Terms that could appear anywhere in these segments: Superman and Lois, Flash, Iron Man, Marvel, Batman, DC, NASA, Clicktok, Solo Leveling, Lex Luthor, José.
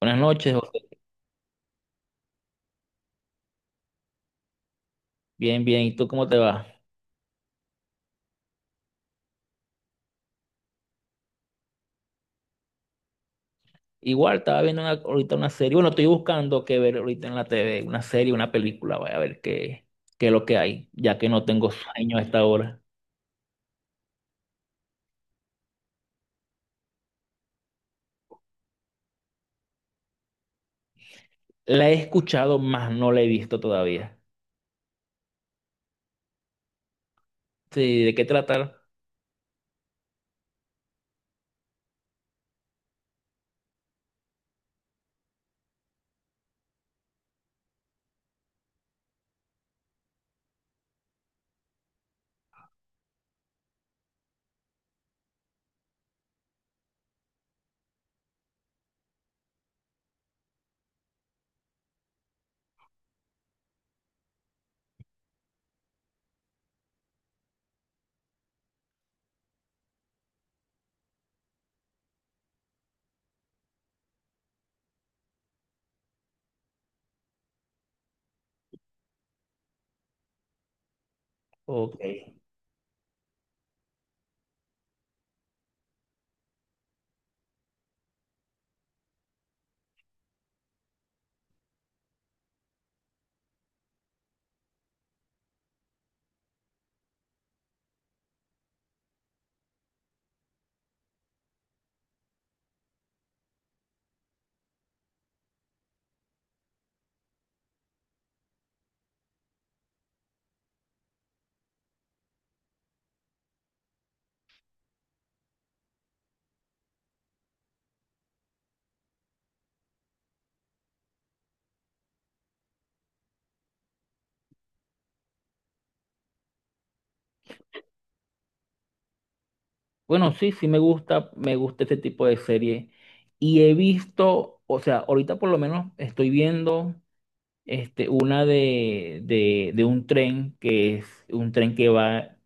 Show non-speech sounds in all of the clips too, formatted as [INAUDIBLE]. Buenas noches, José. Bien, bien. ¿Y tú cómo te va? Igual, estaba viendo ahorita una serie. Bueno, estoy buscando qué ver ahorita en la TV, una serie, una película. Voy a ver qué es lo que hay, ya que no tengo sueño a esta hora. La he escuchado, más no la he visto todavía. Sí, ¿de qué tratar? Ok. Bueno, sí, sí me gusta este tipo de serie. Y he visto, o sea, ahorita por lo menos estoy viendo este, una de un tren, que es un tren que va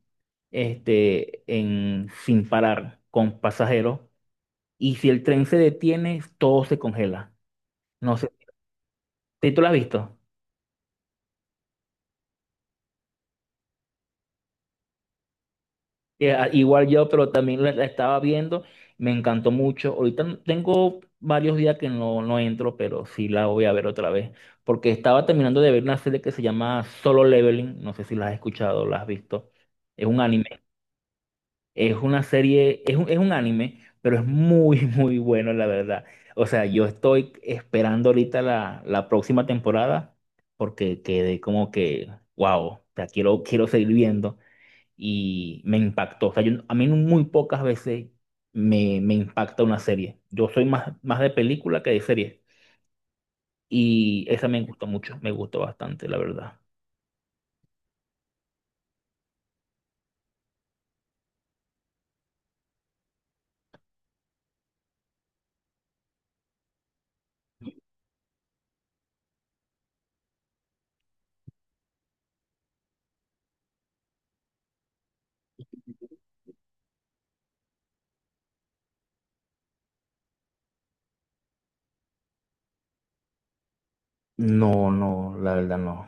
este, en, sin parar con pasajeros. Y si el tren se detiene, todo se congela. No sé, ¿sí tú lo has visto? Igual yo, pero también la estaba viendo, me encantó mucho. Ahorita no- Tengo varios días que no, no entro, pero sí la voy a ver otra vez. Porque estaba terminando de ver una serie que se llama Solo Leveling, no sé si la has escuchado, la has visto. Es un anime. Es una serie, es un anime, pero es muy, [LAUGHS] muy bueno, la verdad. O sea, yo estoy esperando ahorita la próxima temporada porque quedé como wow, o sea, quiero, quiero seguir viendo y me impactó. O sea, a mí no, muy pocas veces me, me impacta una serie. Yo soy más, más de película que de serie y esa me gustó mucho, me gustó bastante, la verdad. No, no, la verdad no.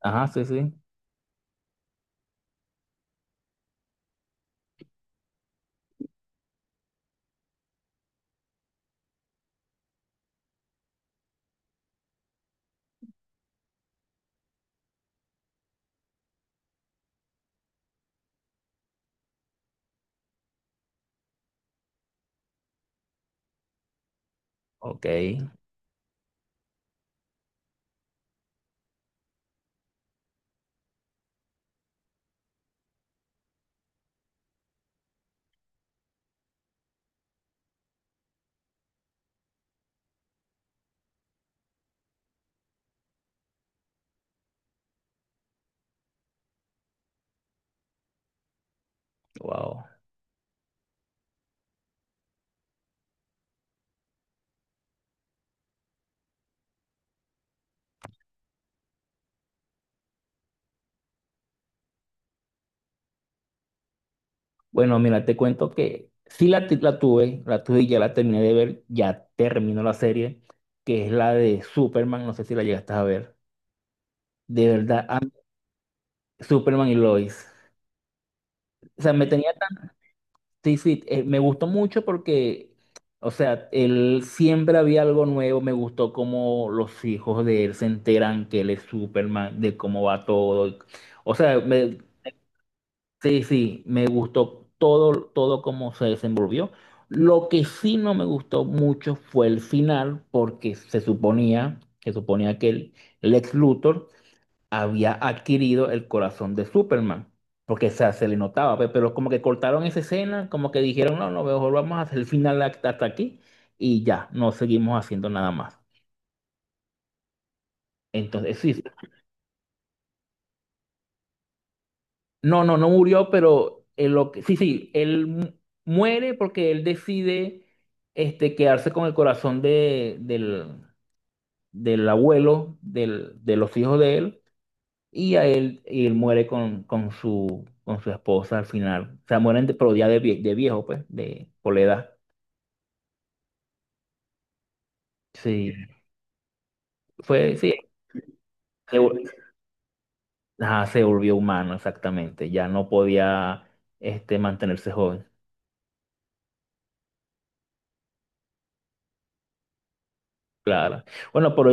Ajá, sí, sí. Ok, wow. Bueno, mira, te cuento que sí la tuve y ya la terminé de ver, ya terminó la serie, que es la de Superman, no sé si la llegaste a ver. De verdad, Superman y Lois. O sea, me tenía, sí, sí, me gustó mucho porque, o sea, él siempre había algo nuevo, me gustó cómo los hijos de él se enteran que él es Superman, de cómo va todo. O sea, sí, sí, me gustó todo, todo cómo se desenvolvió. Lo que sí no me gustó mucho fue el final, porque se suponía que el Lex Luthor había adquirido el corazón de Superman, porque o sea, se le notaba, pero como que cortaron esa escena, como que dijeron, no, no, mejor vamos a hacer el final hasta aquí y ya, no seguimos haciendo nada más. Entonces, sí, no, no, no murió, pero él lo que, sí, sí, muere porque él decide este, quedarse con el corazón de, del, del abuelo, del, de los hijos de él, y a él, y él muere con su esposa al final. O sea, mueren de, pero ya de, de viejo, pues, de, por la edad. Sí, fue, sí, se, vol- ajá, se volvió humano, exactamente. Ya no podía este, mantenerse joven, claro. Bueno, pero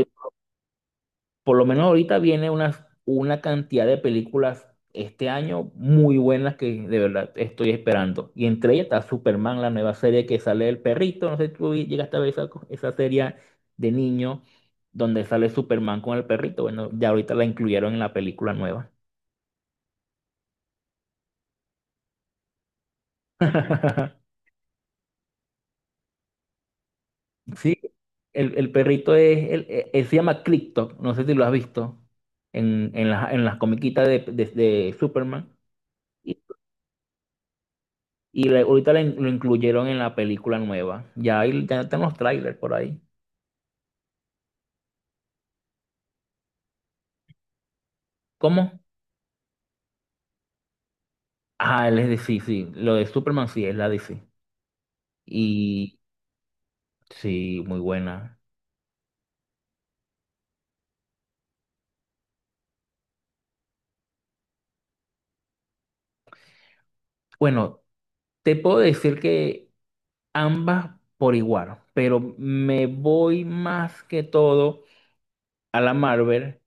por lo menos ahorita viene una cantidad de películas este año muy buenas que de verdad estoy esperando. Y entre ellas está Superman, la nueva serie que sale del perrito. No sé si tú llegaste a ver esa, esa serie de niño donde sale Superman con el perrito. Bueno, ya ahorita la incluyeron en la película nueva. [LAUGHS] Sí, el perrito es, el- él se llama Clicktok, no sé si lo has visto en las comiquitas de, de Superman. Y lo incluyeron en la película nueva. Ya, hay, ya están los trailers por ahí. ¿Cómo? Ah, él es de sí, sí. Lo de Superman sí es la DC. Y sí, muy buena. Bueno, te puedo decir que ambas por igual, pero me voy más que todo a la Marvel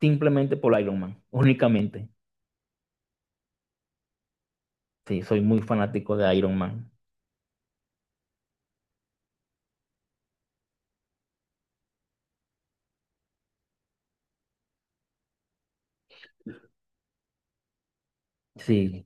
simplemente por Iron Man, únicamente. Sí, soy muy fanático de Iron Man. Sí,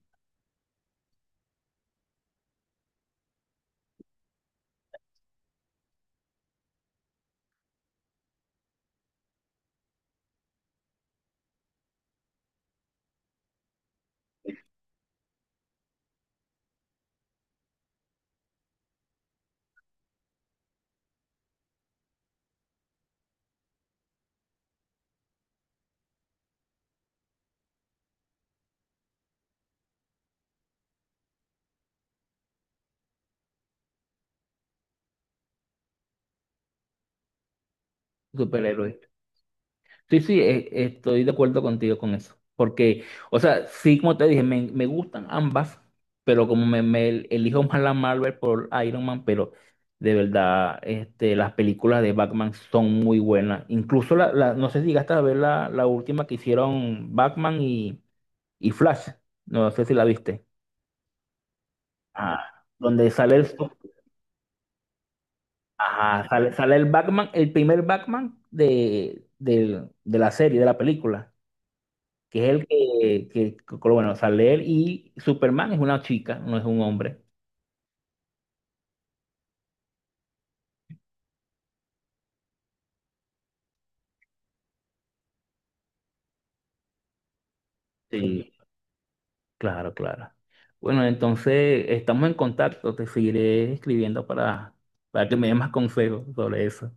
superhéroe. Sí, sí, estoy de acuerdo contigo con eso. Porque, o sea, sí, como te dije, me gustan ambas, pero como me elijo más la Marvel por Iron Man, pero de verdad, este, las películas de Batman son muy buenas. Incluso no sé si llegaste a ver la última que hicieron Batman y Flash. No sé si la viste. Ah, donde sale ajá, sale, sale el Batman, el primer Batman de, de la serie, de la película. Que es el que, bueno, sale él y Superman es una chica, no es un hombre. Sí. Sí, claro, claro. Bueno, entonces estamos en contacto, te seguiré escribiendo para que me des más consejos sobre eso.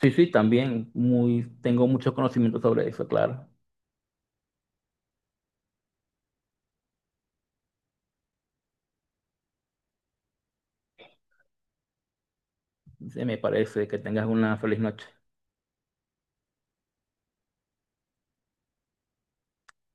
Sí, sí, también muy, tengo mucho conocimiento sobre eso, claro. Se me parece que tengas una feliz noche.